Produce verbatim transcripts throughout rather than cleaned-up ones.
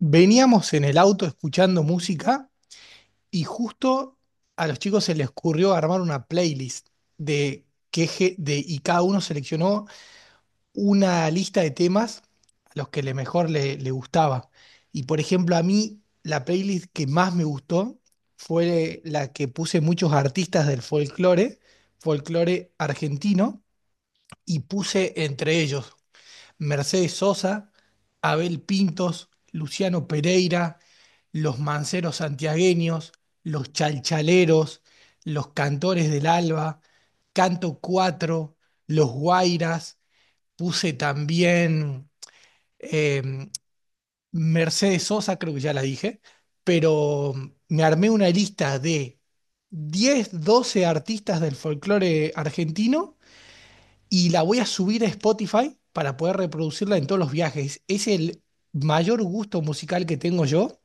Veníamos en el auto escuchando música y justo a los chicos se les ocurrió armar una playlist de que ge- de y cada uno seleccionó una lista de temas a los que le mejor le, le gustaba. Y por ejemplo, a mí la playlist que más me gustó fue la que puse muchos artistas del folclore, folclore argentino, y puse entre ellos Mercedes Sosa, Abel Pintos, Luciano Pereira, los manceros santiagueños, los chalchaleros, los cantores del alba, Canto cuatro, los guairas, puse también eh, Mercedes Sosa, creo que ya la dije, pero me armé una lista de diez, doce artistas del folclore argentino y la voy a subir a Spotify para poder reproducirla en todos los viajes. Es el mayor gusto musical que tengo yo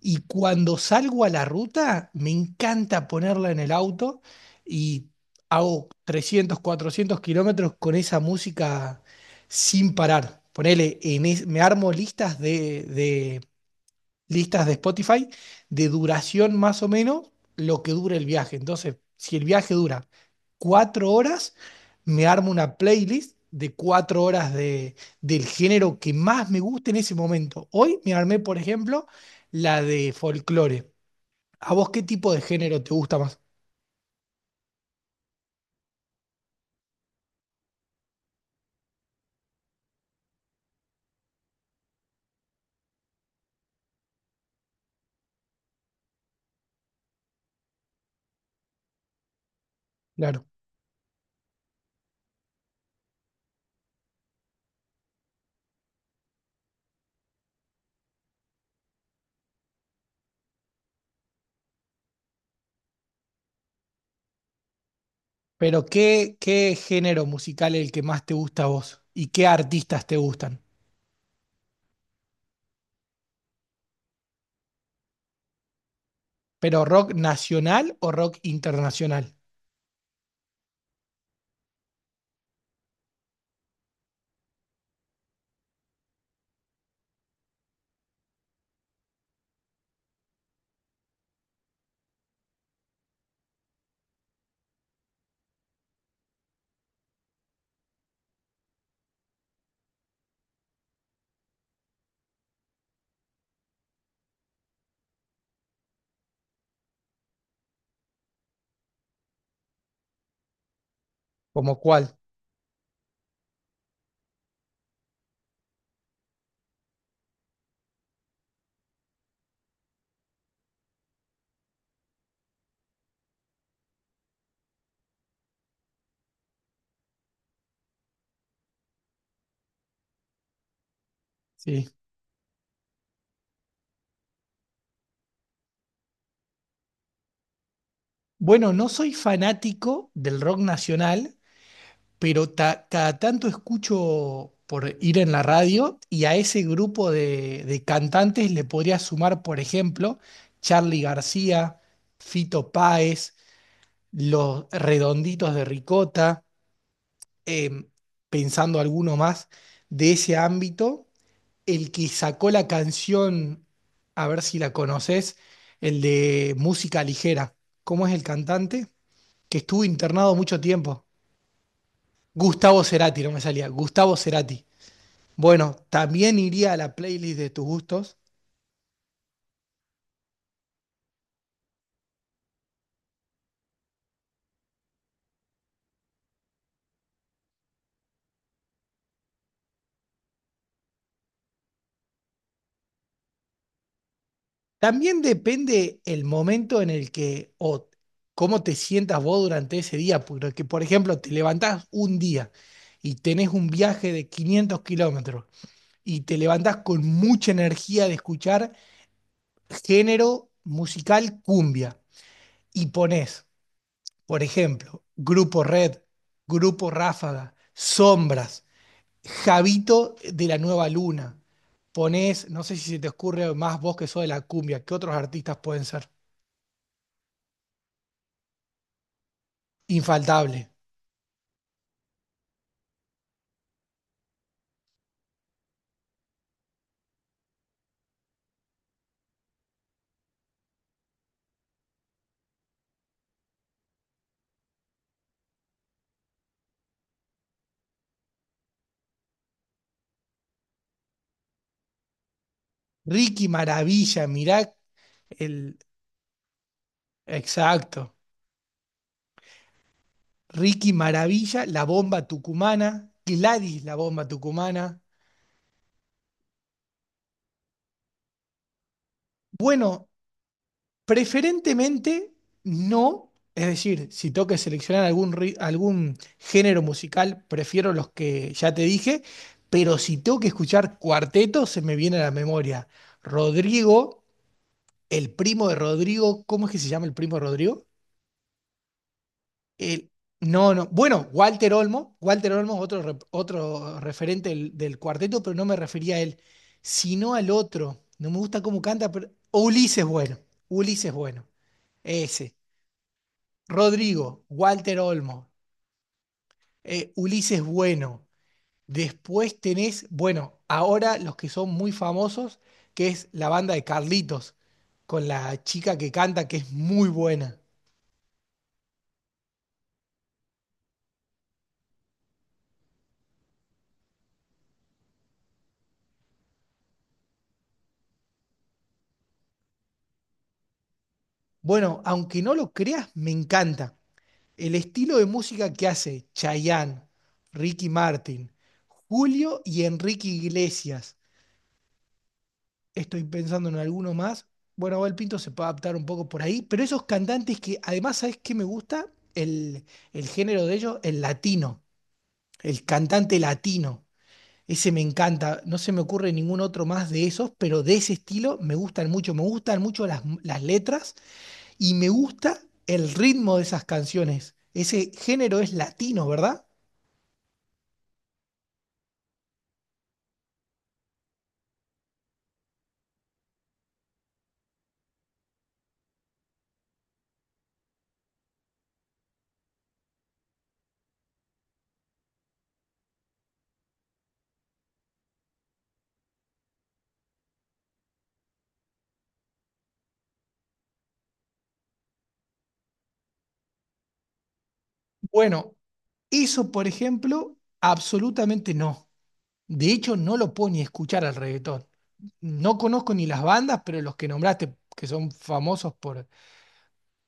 y cuando salgo a la ruta me encanta ponerla en el auto y hago trescientos cuatrocientos kilómetros con esa música sin parar. Ponele, en es- me armo listas de, listas de Spotify de duración más o menos lo que dure el viaje. Entonces, si el viaje dura cuatro horas, me armo una playlist de cuatro horas de, del género que más me guste en ese momento. Hoy me armé, por ejemplo, la de folclore. ¿A vos qué tipo de género te gusta más? Claro. Pero ¿qué, qué género musical es el que más te gusta a vos? ¿Y qué artistas te gustan? ¿Pero rock nacional o rock internacional? ¿Como cuál? Sí. Bueno, no soy fanático del rock nacional, pero ta- cada tanto escucho por ir en la radio y a ese grupo de, de cantantes le podría sumar, por ejemplo, Charly García, Fito Páez, Los Redonditos de Ricota, em, pensando alguno más de ese ámbito, el que sacó la canción, a ver si la conoces, el de Música Ligera. ¿Cómo es el cantante que estuvo internado mucho tiempo? Gustavo Cerati, no me salía. Gustavo Cerati. Bueno, también iría a la playlist de tus gustos. También depende el momento en el que o cómo te sientas vos durante ese día. Porque, por ejemplo, te levantás un día y tenés un viaje de quinientos kilómetros y te levantás con mucha energía de escuchar género musical cumbia y pones, por ejemplo, Grupo Red, Grupo Ráfaga, Sombras, Javito de la Nueva Luna. Ponés, no sé si se te ocurre más vos que sos de la cumbia, ¿qué otros artistas pueden ser? Infaltable. Ricky Maravilla, mirá el... Exacto. Ricky Maravilla, La Bomba Tucumana, Gladys, La Bomba Tucumana. Bueno, preferentemente no, es decir, si tengo que seleccionar algún, ri- algún género musical, prefiero los que ya te dije, pero si tengo que escuchar cuarteto, se me viene a la memoria Rodrigo, el primo de Rodrigo. ¿Cómo es que se llama el primo de Rodrigo? El, no, no, bueno, Walter Olmo, Walter Olmo es otro, rep- otro referente del, del cuarteto, pero no me refería a él, sino al otro. No me gusta cómo canta, pero o Ulises Bueno, Ulises Bueno, ese. Rodrigo, Walter Olmo, eh, Ulises Bueno. Después tenés, bueno, ahora los que son muy famosos, que es la banda de Carlitos, con la chica que canta, que es muy buena. Bueno, aunque no lo creas, me encanta el estilo de música que hace Chayanne, Ricky Martin, Julio y Enrique Iglesias. Estoy pensando en alguno más. Bueno, Abel Pinto se puede adaptar un poco por ahí, pero esos cantantes que además, ¿sabes qué me gusta? El, el género de ellos, el latino, el cantante latino. Ese me encanta, no se me ocurre ningún otro más de esos, pero de ese estilo me gustan mucho, me gustan mucho las, las letras y me gusta el ritmo de esas canciones. Ese género es latino, ¿verdad? Bueno, eso por ejemplo, absolutamente no. De hecho, no lo puedo ni escuchar al reggaetón. No conozco ni las bandas, pero los que nombraste, que son famosos por,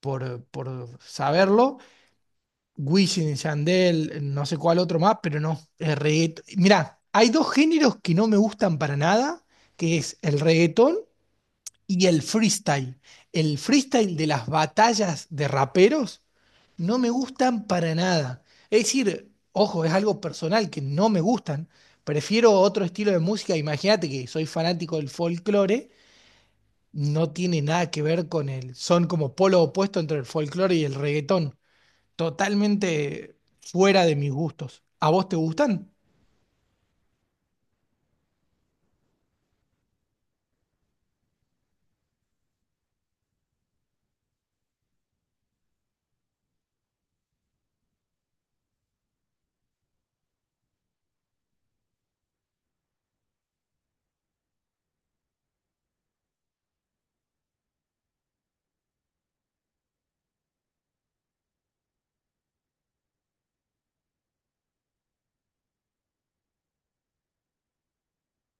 por, por saberlo, Wisin, Yandel, no sé cuál otro más, pero no. El reggaetón. Mirá, hay dos géneros que no me gustan para nada, que es el reggaetón y el freestyle. El freestyle de las batallas de raperos no me gustan para nada. Es decir, ojo, es algo personal que no me gustan. Prefiero otro estilo de música. Imagínate que soy fanático del folclore, no tiene nada que ver con el, son como polo opuesto entre el folclore y el reggaetón, totalmente fuera de mis gustos. ¿A vos te gustan?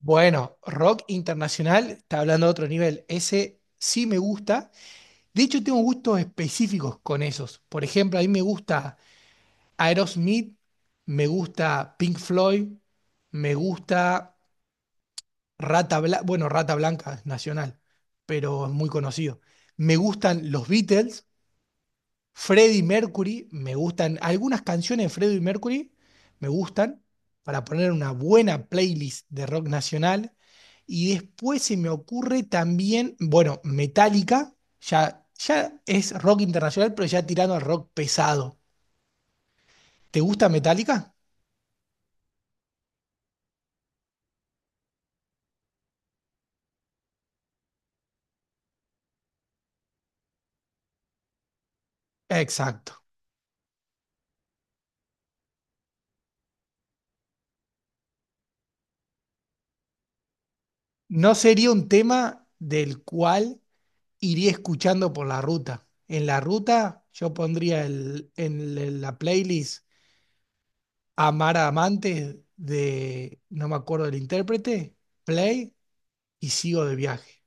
Bueno, rock internacional está hablando de otro nivel. Ese sí me gusta. De hecho, tengo gustos específicos con esos. Por ejemplo, a mí me gusta Aerosmith, me gusta Pink Floyd, me gusta Rata Blanca. Bueno, Rata Blanca es nacional, pero es muy conocido. Me gustan los Beatles. Freddie Mercury, me gustan. Algunas canciones de Freddie Mercury me gustan para poner una buena playlist de rock nacional. Y después se me ocurre también, bueno, Metallica, ya, ya es rock internacional, pero ya tirando al rock pesado. ¿Te gusta Metallica? Exacto. No sería un tema del cual iría escuchando por la ruta. En la ruta yo pondría el- en la playlist Amar a Amantes de, no me acuerdo del intérprete, Play y Sigo de Viaje.